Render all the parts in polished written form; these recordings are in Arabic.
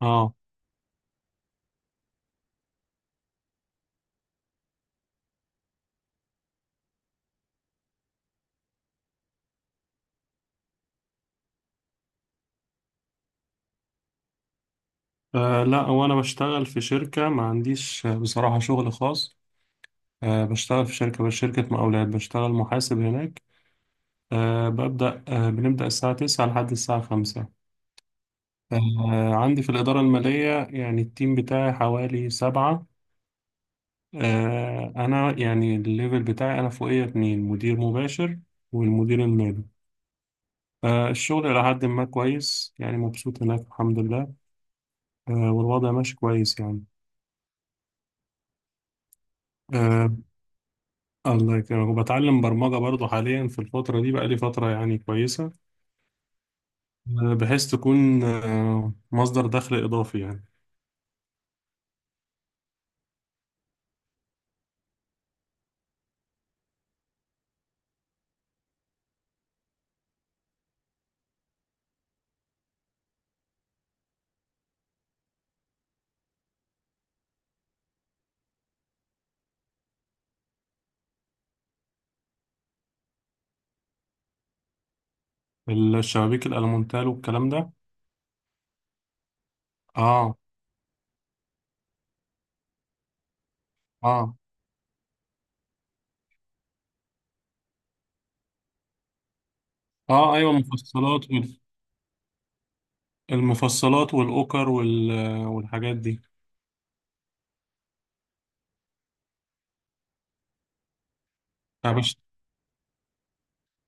اه لا وانا بشتغل في شركة ما عنديش، بصراحة شغل خاص. بشتغل في شركة، بس شركة مقاولات، بشتغل محاسب هناك. آه، ببدأ آه، بنبدأ الساعة 9 لحد الساعة 5. عندي في الإدارة المالية يعني التيم بتاعي حوالي سبعة. أنا يعني الليفل بتاعي أنا فوقية اتنين، مدير مباشر والمدير المالي. الشغل إلى حد ما كويس، يعني مبسوط هناك، الحمد لله. والوضع ماشي كويس يعني. آه، الله يكرمك. وبتعلم برمجة برضو حاليا في الفترة دي؟ بقالي فترة يعني كويسة، بحيث تكون مصدر دخل إضافي يعني. الشبابيك الألمونتال والكلام ده. اه. اه. اه، ايوه، المفصلات المفصلات والأوكر والحاجات دي. أنا بش...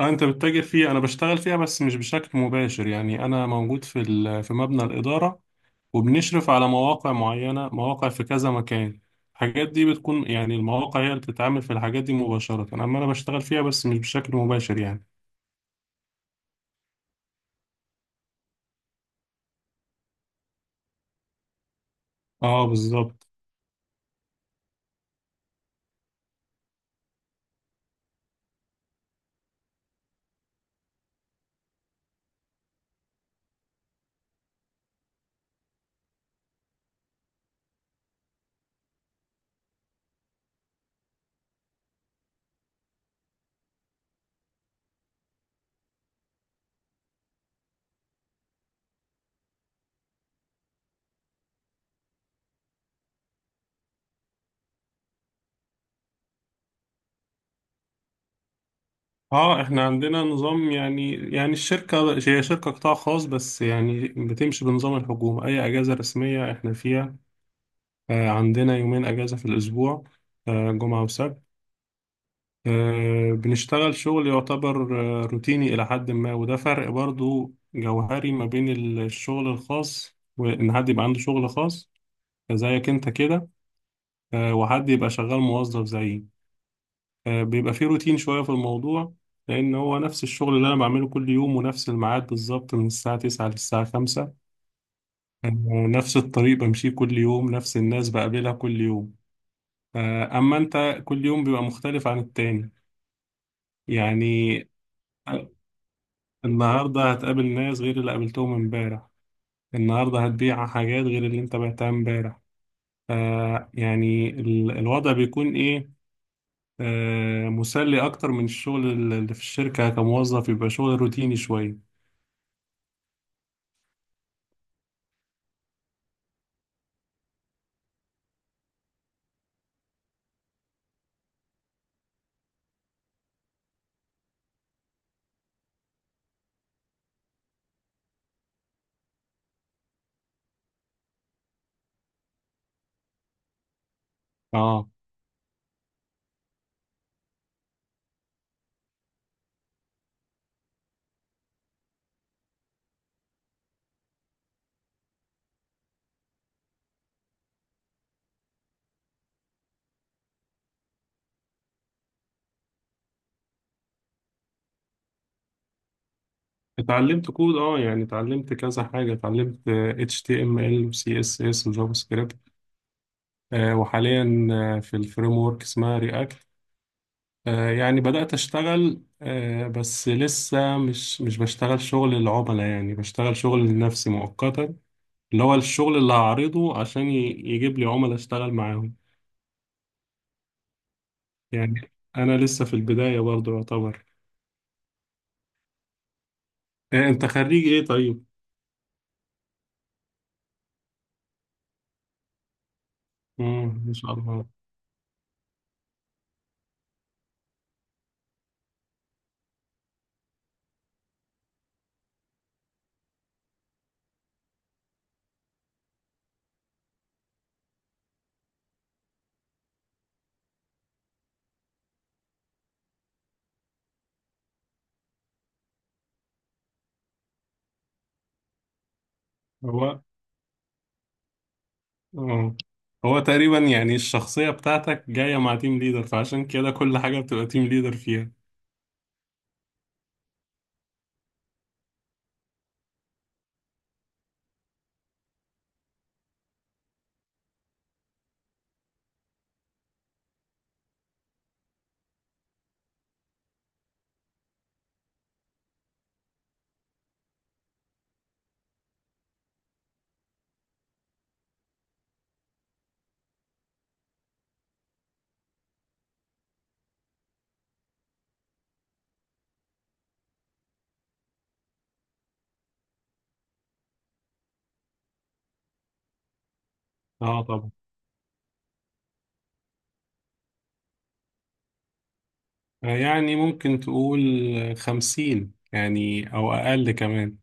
انت بتتاجر فيها، انا بشتغل فيها بس مش بشكل مباشر يعني. انا موجود في في مبنى الإدارة، وبنشرف على مواقع معينة، مواقع في كذا مكان. الحاجات دي بتكون يعني المواقع هي اللي بتتعامل في الحاجات دي مباشرة، أما أنا بشتغل فيها بس مش بشكل مباشر يعني. اه، بالظبط. اه، احنا عندنا نظام، يعني الشركة هي شركة قطاع خاص، بس يعني بتمشي بنظام الحكومة، أي أجازة رسمية احنا فيها. آه، عندنا يومين أجازة في الأسبوع، آه، جمعة وسبت. بنشتغل شغل يعتبر روتيني إلى حد ما، وده فرق برضو جوهري ما بين الشغل الخاص، وإن حد يبقى عنده شغل خاص زيك أنت كده، وحد يبقى شغال موظف زيي. بيبقى فيه روتين شوية في الموضوع، لأن هو نفس الشغل اللي أنا بعمله كل يوم، ونفس الميعاد بالظبط من الساعة 9 للساعة 5. آه، نفس الطريق بمشيه كل يوم، نفس الناس بقابلها كل يوم. أما أنت كل يوم بيبقى مختلف عن التاني يعني. النهاردة هتقابل ناس غير اللي قابلتهم امبارح، النهاردة هتبيع حاجات غير اللي انت بعتها امبارح. يعني الوضع بيكون ايه، مسلي اكتر من الشغل اللي في الشركة كموظف، يبقى شغل روتيني شوية. اه، اتعلمت كود. اه، يعني اتعلمت كذا حاجة، اتعلمت HTML و CSS و JavaScript. وحاليا في الفريم ورك اسمها React. يعني بدأت أشتغل، بس لسه مش بشتغل شغل العملاء، يعني بشتغل شغل لنفسي مؤقتا، اللي هو الشغل اللي هعرضه عشان يجيب لي عملاء أشتغل معاهم يعني. أنا لسه في البداية برضو يعتبر. أنت خريج إيه طيب؟ مم، ما شاء الله. هو آه، هو تقريبا يعني الشخصية بتاعتك جاية مع تيم ليدر، فعشان كده كل حاجة بتبقى تيم ليدر فيها. اه، طبعا. يعني ممكن تقول 50 يعني، أو أقل كمان.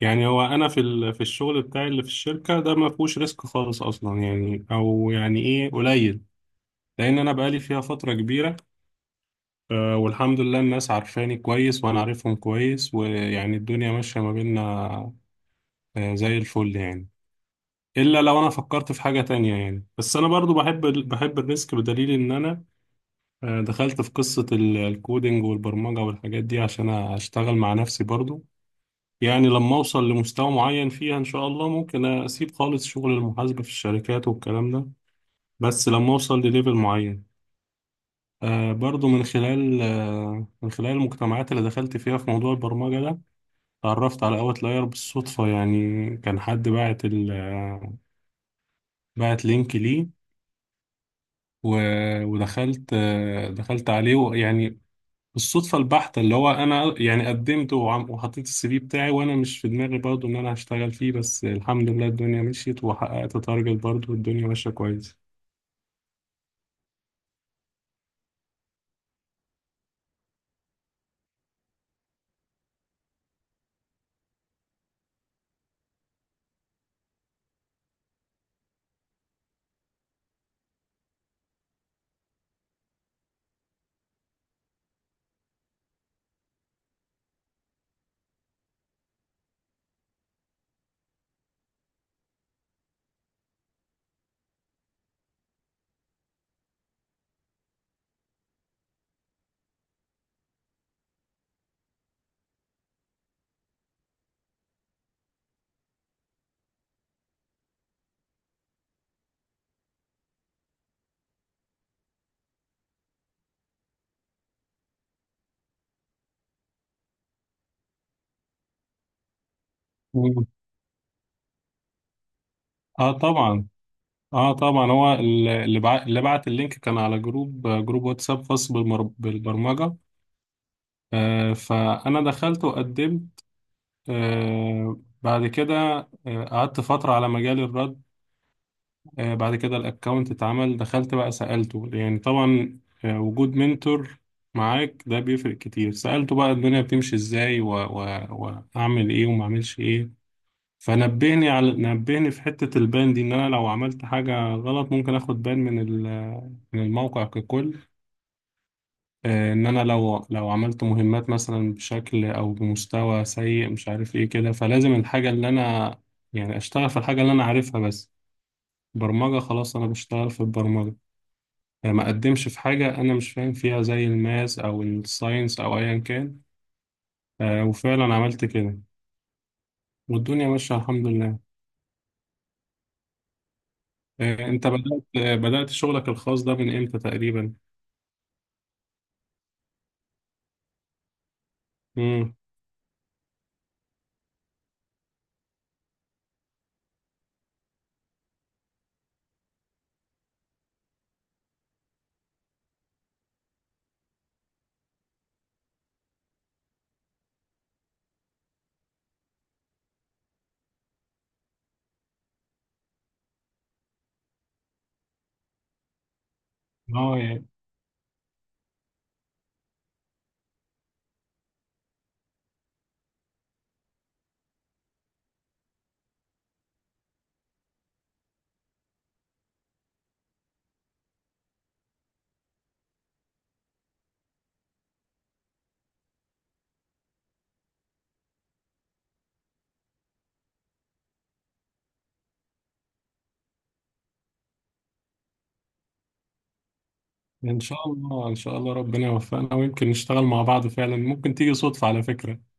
يعني هو انا في في الشغل بتاعي اللي في الشركه ده ما فيهوش ريسك خالص اصلا يعني، او يعني ايه، قليل، لان انا بقالي فيها فتره كبيره. والحمد لله، الناس عارفاني كويس، وانا عارفهم كويس، ويعني الدنيا ماشيه ما بيننا زي الفل يعني. الا لو انا فكرت في حاجه تانية يعني. بس انا برضو بحب بحب الريسك، بدليل ان انا دخلت في قصه الكودينج والبرمجه والحاجات دي عشان اشتغل مع نفسي برضو. يعني لما أوصل لمستوى معين فيها إن شاء الله ممكن أسيب خالص شغل المحاسبة في الشركات والكلام ده، بس لما أوصل لليفل معين. برضو من خلال من خلال المجتمعات اللي دخلت فيها في موضوع البرمجة ده، اتعرفت على أوت لاير بالصدفة يعني. كان حد باعت ال آه، باعت لينك ليه، ودخلت، دخلت عليه يعني. الصدفة البحتة، اللي هو أنا يعني قدمت وحطيت السي في بتاعي، وأنا مش في دماغي برضو إن أنا هشتغل فيه، بس الحمد لله الدنيا مشيت وحققت تارجت برضو، والدنيا ماشية كويس. مم. اه، طبعا. اه، طبعا، هو اللي بعت اللينك كان على جروب، جروب واتساب خاص بالبرمجة. فأنا دخلت وقدمت. بعد كده، قعدت فترة على مجال الرد. بعد كده الاكونت اتعمل، دخلت بقى سألته، يعني طبعا وجود منتور معاك ده بيفرق كتير. سألته بقى الدنيا بتمشي ازاي، واعمل ايه وما اعملش ايه. فنبهني على، نبهني في حتة البان دي، ان انا لو عملت حاجة غلط ممكن اخد بان من من الموقع ككل. ان انا لو عملت مهمات مثلا بشكل او بمستوى سيء، مش عارف ايه كده، فلازم الحاجة اللي انا يعني اشتغل في الحاجة اللي انا عارفها بس. برمجة، خلاص انا بشتغل في البرمجة. ما أقدمش في حاجة أنا مش فاهم فيها، زي الماس أو الساينس أو أيا كان. وفعلا عملت كده، والدنيا ماشية الحمد لله. أنت بدأت بدأت شغلك الخاص ده من إمتى تقريبا؟ مم. يعني إن شاء الله، إن شاء الله، ربنا يوفقنا، ويمكن نشتغل مع بعض فعلا، ممكن تيجي صدفة على فكرة.